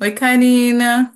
Oi, Karina.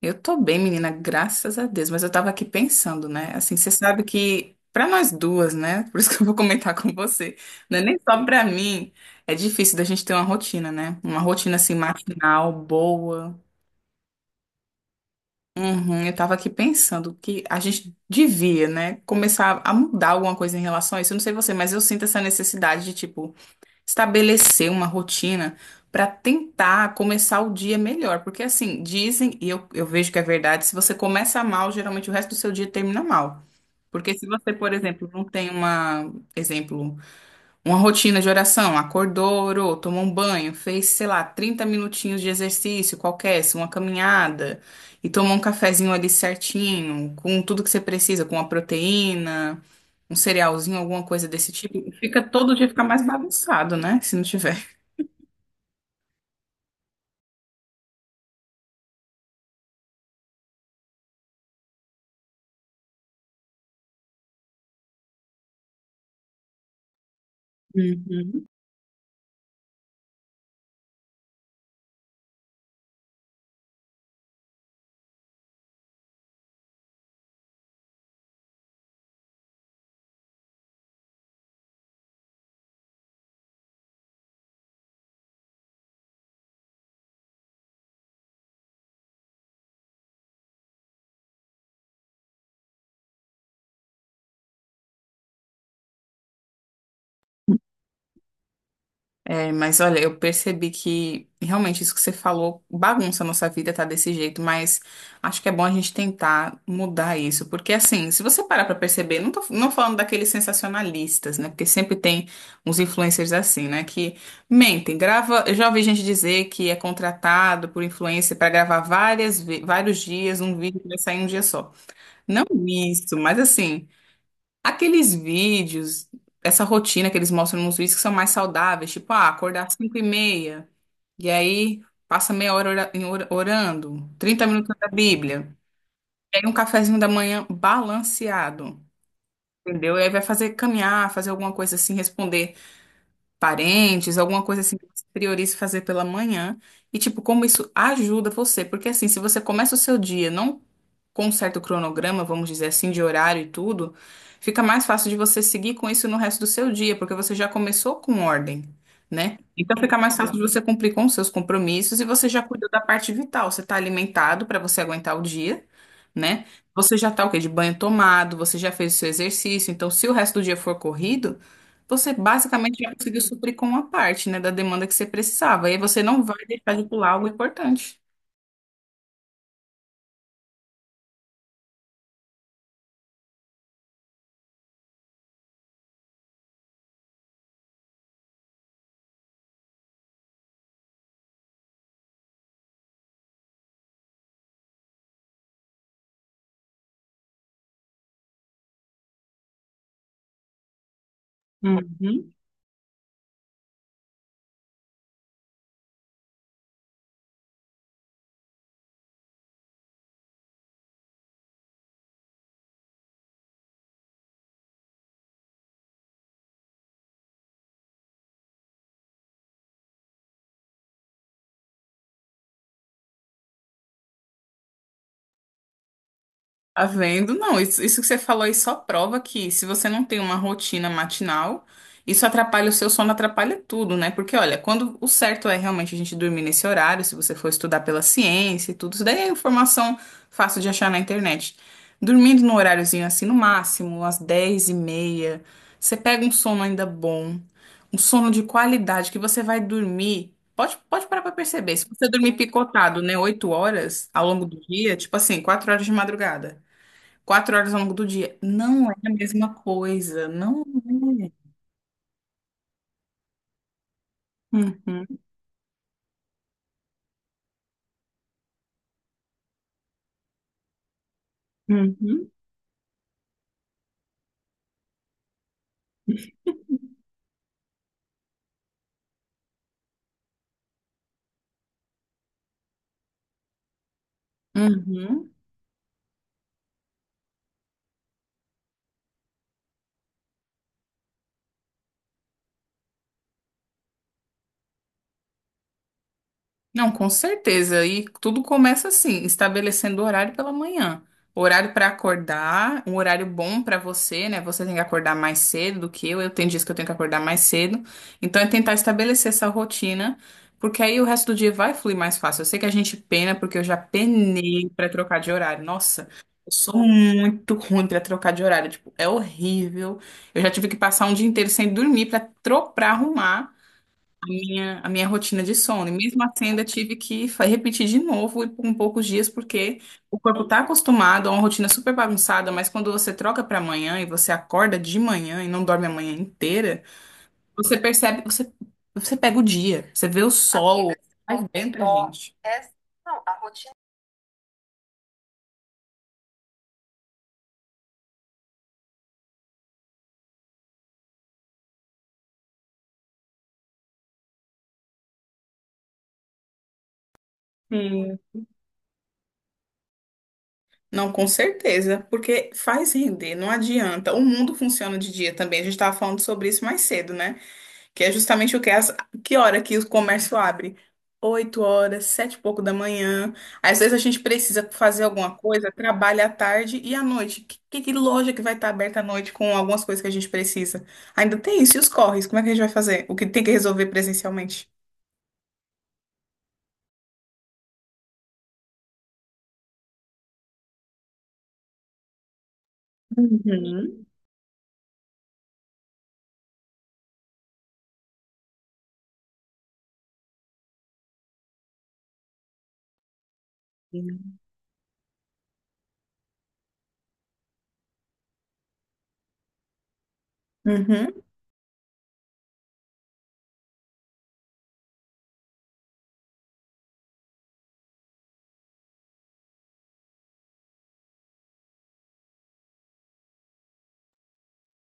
Eu tô bem, menina, graças a Deus, mas eu tava aqui pensando, né? Assim, você sabe que pra nós duas, né? Por isso que eu vou comentar com você, não é nem só pra mim, é difícil da gente ter uma rotina, né? Uma rotina assim matinal boa. Uhum, eu tava aqui pensando que a gente devia, né, começar a mudar alguma coisa em relação a isso. Eu não sei você, mas eu sinto essa necessidade de tipo estabelecer uma rotina para tentar começar o dia melhor. Porque assim, dizem, e eu vejo que é verdade, se você começa mal, geralmente o resto do seu dia termina mal. Porque se você, por exemplo, não tem uma, exemplo, uma rotina de oração, acordou, orou, tomou um banho, fez, sei lá, 30 minutinhos de exercício qualquer, se uma caminhada, e tomou um cafezinho ali certinho, com tudo que você precisa, com uma proteína, um cerealzinho, alguma coisa desse tipo. Fica todo dia fica mais bagunçado, né? Se não tiver. Uhum. É, mas olha, eu percebi que realmente isso que você falou bagunça a nossa vida, tá desse jeito, mas acho que é bom a gente tentar mudar isso, porque assim, se você parar pra perceber, não tô não falando daqueles sensacionalistas, né? Porque sempre tem uns influencers assim, né? Que mentem, grava. Eu já ouvi gente dizer que é contratado por influencer pra gravar vários dias um vídeo que vai sair em um dia só. Não isso, mas assim. Aqueles vídeos, essa rotina que eles mostram nos vídeos que são mais saudáveis, tipo, ah, acordar às 5 e meia, e aí passa 1/2 hora orando, 30 minutos da Bíblia, e aí um cafezinho da manhã balanceado, entendeu? E aí vai fazer caminhar, fazer alguma coisa assim, responder parentes, alguma coisa assim que você priorize fazer pela manhã, e tipo, como isso ajuda você, porque assim, se você começa o seu dia, não com um certo cronograma, vamos dizer assim, de horário e tudo, fica mais fácil de você seguir com isso no resto do seu dia, porque você já começou com ordem, né? Então fica mais fácil de você cumprir com os seus compromissos e você já cuidou da parte vital. Você está alimentado para você aguentar o dia, né? Você já está o quê? De banho tomado, você já fez o seu exercício. Então, se o resto do dia for corrido, você basicamente já conseguiu suprir com uma parte, né, da demanda que você precisava. E aí você não vai deixar de pular algo importante. Tá vendo? Não, isso que você falou aí só prova que se você não tem uma rotina matinal, isso atrapalha o seu sono, atrapalha tudo, né? Porque olha, quando o certo é realmente a gente dormir nesse horário, se você for estudar pela ciência e tudo, isso daí é informação fácil de achar na internet. Dormindo num horáriozinho assim, no máximo, às 10 e meia, você pega um sono ainda bom, um sono de qualidade que você vai dormir. Pode, pode parar pra perceber. Se você dormir picotado, né, 8 horas ao longo do dia, tipo assim, 4 horas de madrugada. 4 horas ao longo do dia. Não é a mesma coisa. Não é. Uhum, uhum, uhum. Não, com certeza. E tudo começa assim, estabelecendo horário pela manhã. Horário para acordar, um horário bom para você, né? Você tem que acordar mais cedo do que eu. Eu tenho dias que eu tenho que acordar mais cedo. Então é tentar estabelecer essa rotina, porque aí o resto do dia vai fluir mais fácil. Eu sei que a gente pena, porque eu já penei para trocar de horário. Nossa, eu sou muito ruim para trocar de horário. Tipo, é horrível. Eu já tive que passar um dia inteiro sem dormir para arrumar a minha rotina de sono. E mesmo assim, ainda tive que repetir de novo e por um poucos dias, porque o corpo está acostumado a uma rotina super bagunçada, mas quando você troca para amanhã e você acorda de manhã e não dorme a manhã inteira, você percebe, você, você pega o dia, você vê o sol, faz bem pra gente. Sim. Não, com certeza, porque faz render, não adianta. O mundo funciona de dia também. A gente estava falando sobre isso mais cedo, né? Que é justamente o que as, que hora que o comércio abre? 8 horas, sete e pouco da manhã. Às vezes a gente precisa fazer alguma coisa, trabalha à tarde e à noite. Que loja que vai estar aberta à noite com algumas coisas que a gente precisa? Ainda tem isso, e os corres? Como é que a gente vai fazer? O que tem que resolver presencialmente? Uhum. Uhum,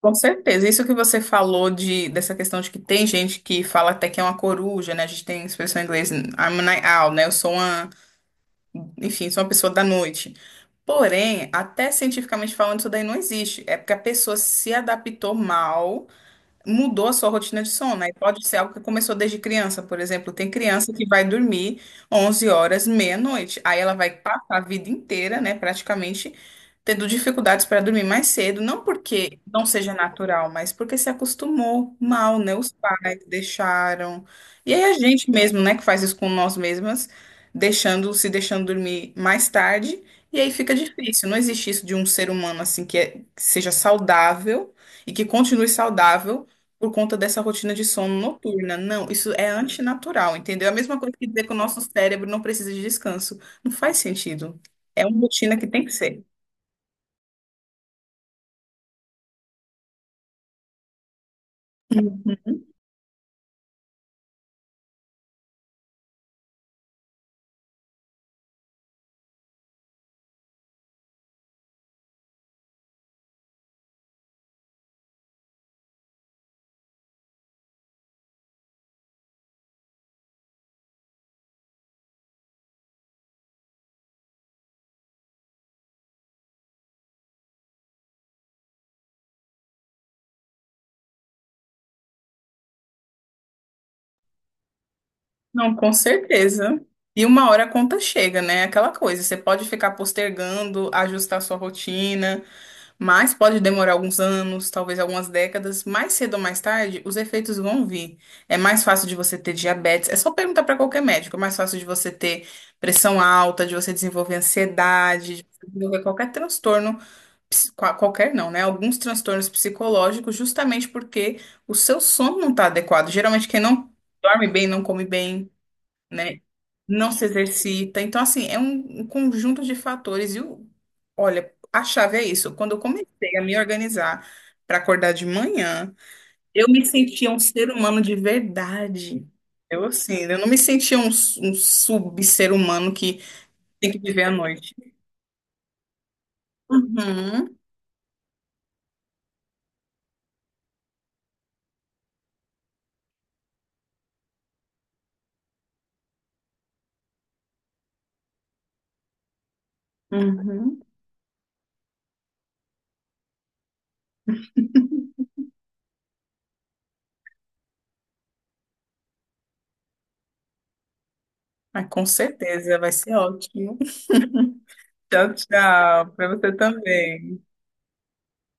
com certeza. Isso que você falou de, dessa questão de que tem gente que fala até que é uma coruja, né? A gente tem expressão em inglês, I'm a night owl, né? Enfim, sou uma pessoa da noite. Porém, até cientificamente falando, isso daí não existe. É porque a pessoa se adaptou mal, mudou a sua rotina de sono. Aí pode ser algo que começou desde criança, por exemplo. Tem criança que vai dormir 11 horas, meia-noite. Aí ela vai passar a vida inteira, né, praticamente, tendo dificuldades para dormir mais cedo. Não porque não seja natural, mas porque se acostumou mal, né? Os pais deixaram. E aí a gente mesmo, né, que faz isso com nós mesmas, se deixando dormir mais tarde. E aí fica difícil, não existe isso de um ser humano assim que, que seja saudável e que continue saudável por conta dessa rotina de sono noturna. Não, isso é antinatural, entendeu? É a mesma coisa que dizer que o nosso cérebro não precisa de descanso. Não faz sentido. É uma rotina que tem que ser. Uhum. Não, com certeza. E uma hora a conta chega, né? Aquela coisa, você pode ficar postergando, ajustar sua rotina, mas pode demorar alguns anos, talvez algumas décadas, mais cedo ou mais tarde, os efeitos vão vir. É mais fácil de você ter diabetes, é só perguntar para qualquer médico, é mais fácil de você ter pressão alta, de você desenvolver ansiedade, de você desenvolver qualquer transtorno, qualquer não, né? Alguns transtornos psicológicos, justamente porque o seu sono não está adequado. Geralmente quem não dorme bem, não come bem né? Não se exercita. Então, assim, é um conjunto de fatores. E o, olha, a chave é isso. Quando eu comecei a me organizar para acordar de manhã, eu me sentia um ser humano de verdade. Eu, assim, eu não me sentia um sub-ser humano que tem que viver à noite. Uhum, uhum. Mas com certeza vai ser ótimo. Tchau, tchau. Para você também.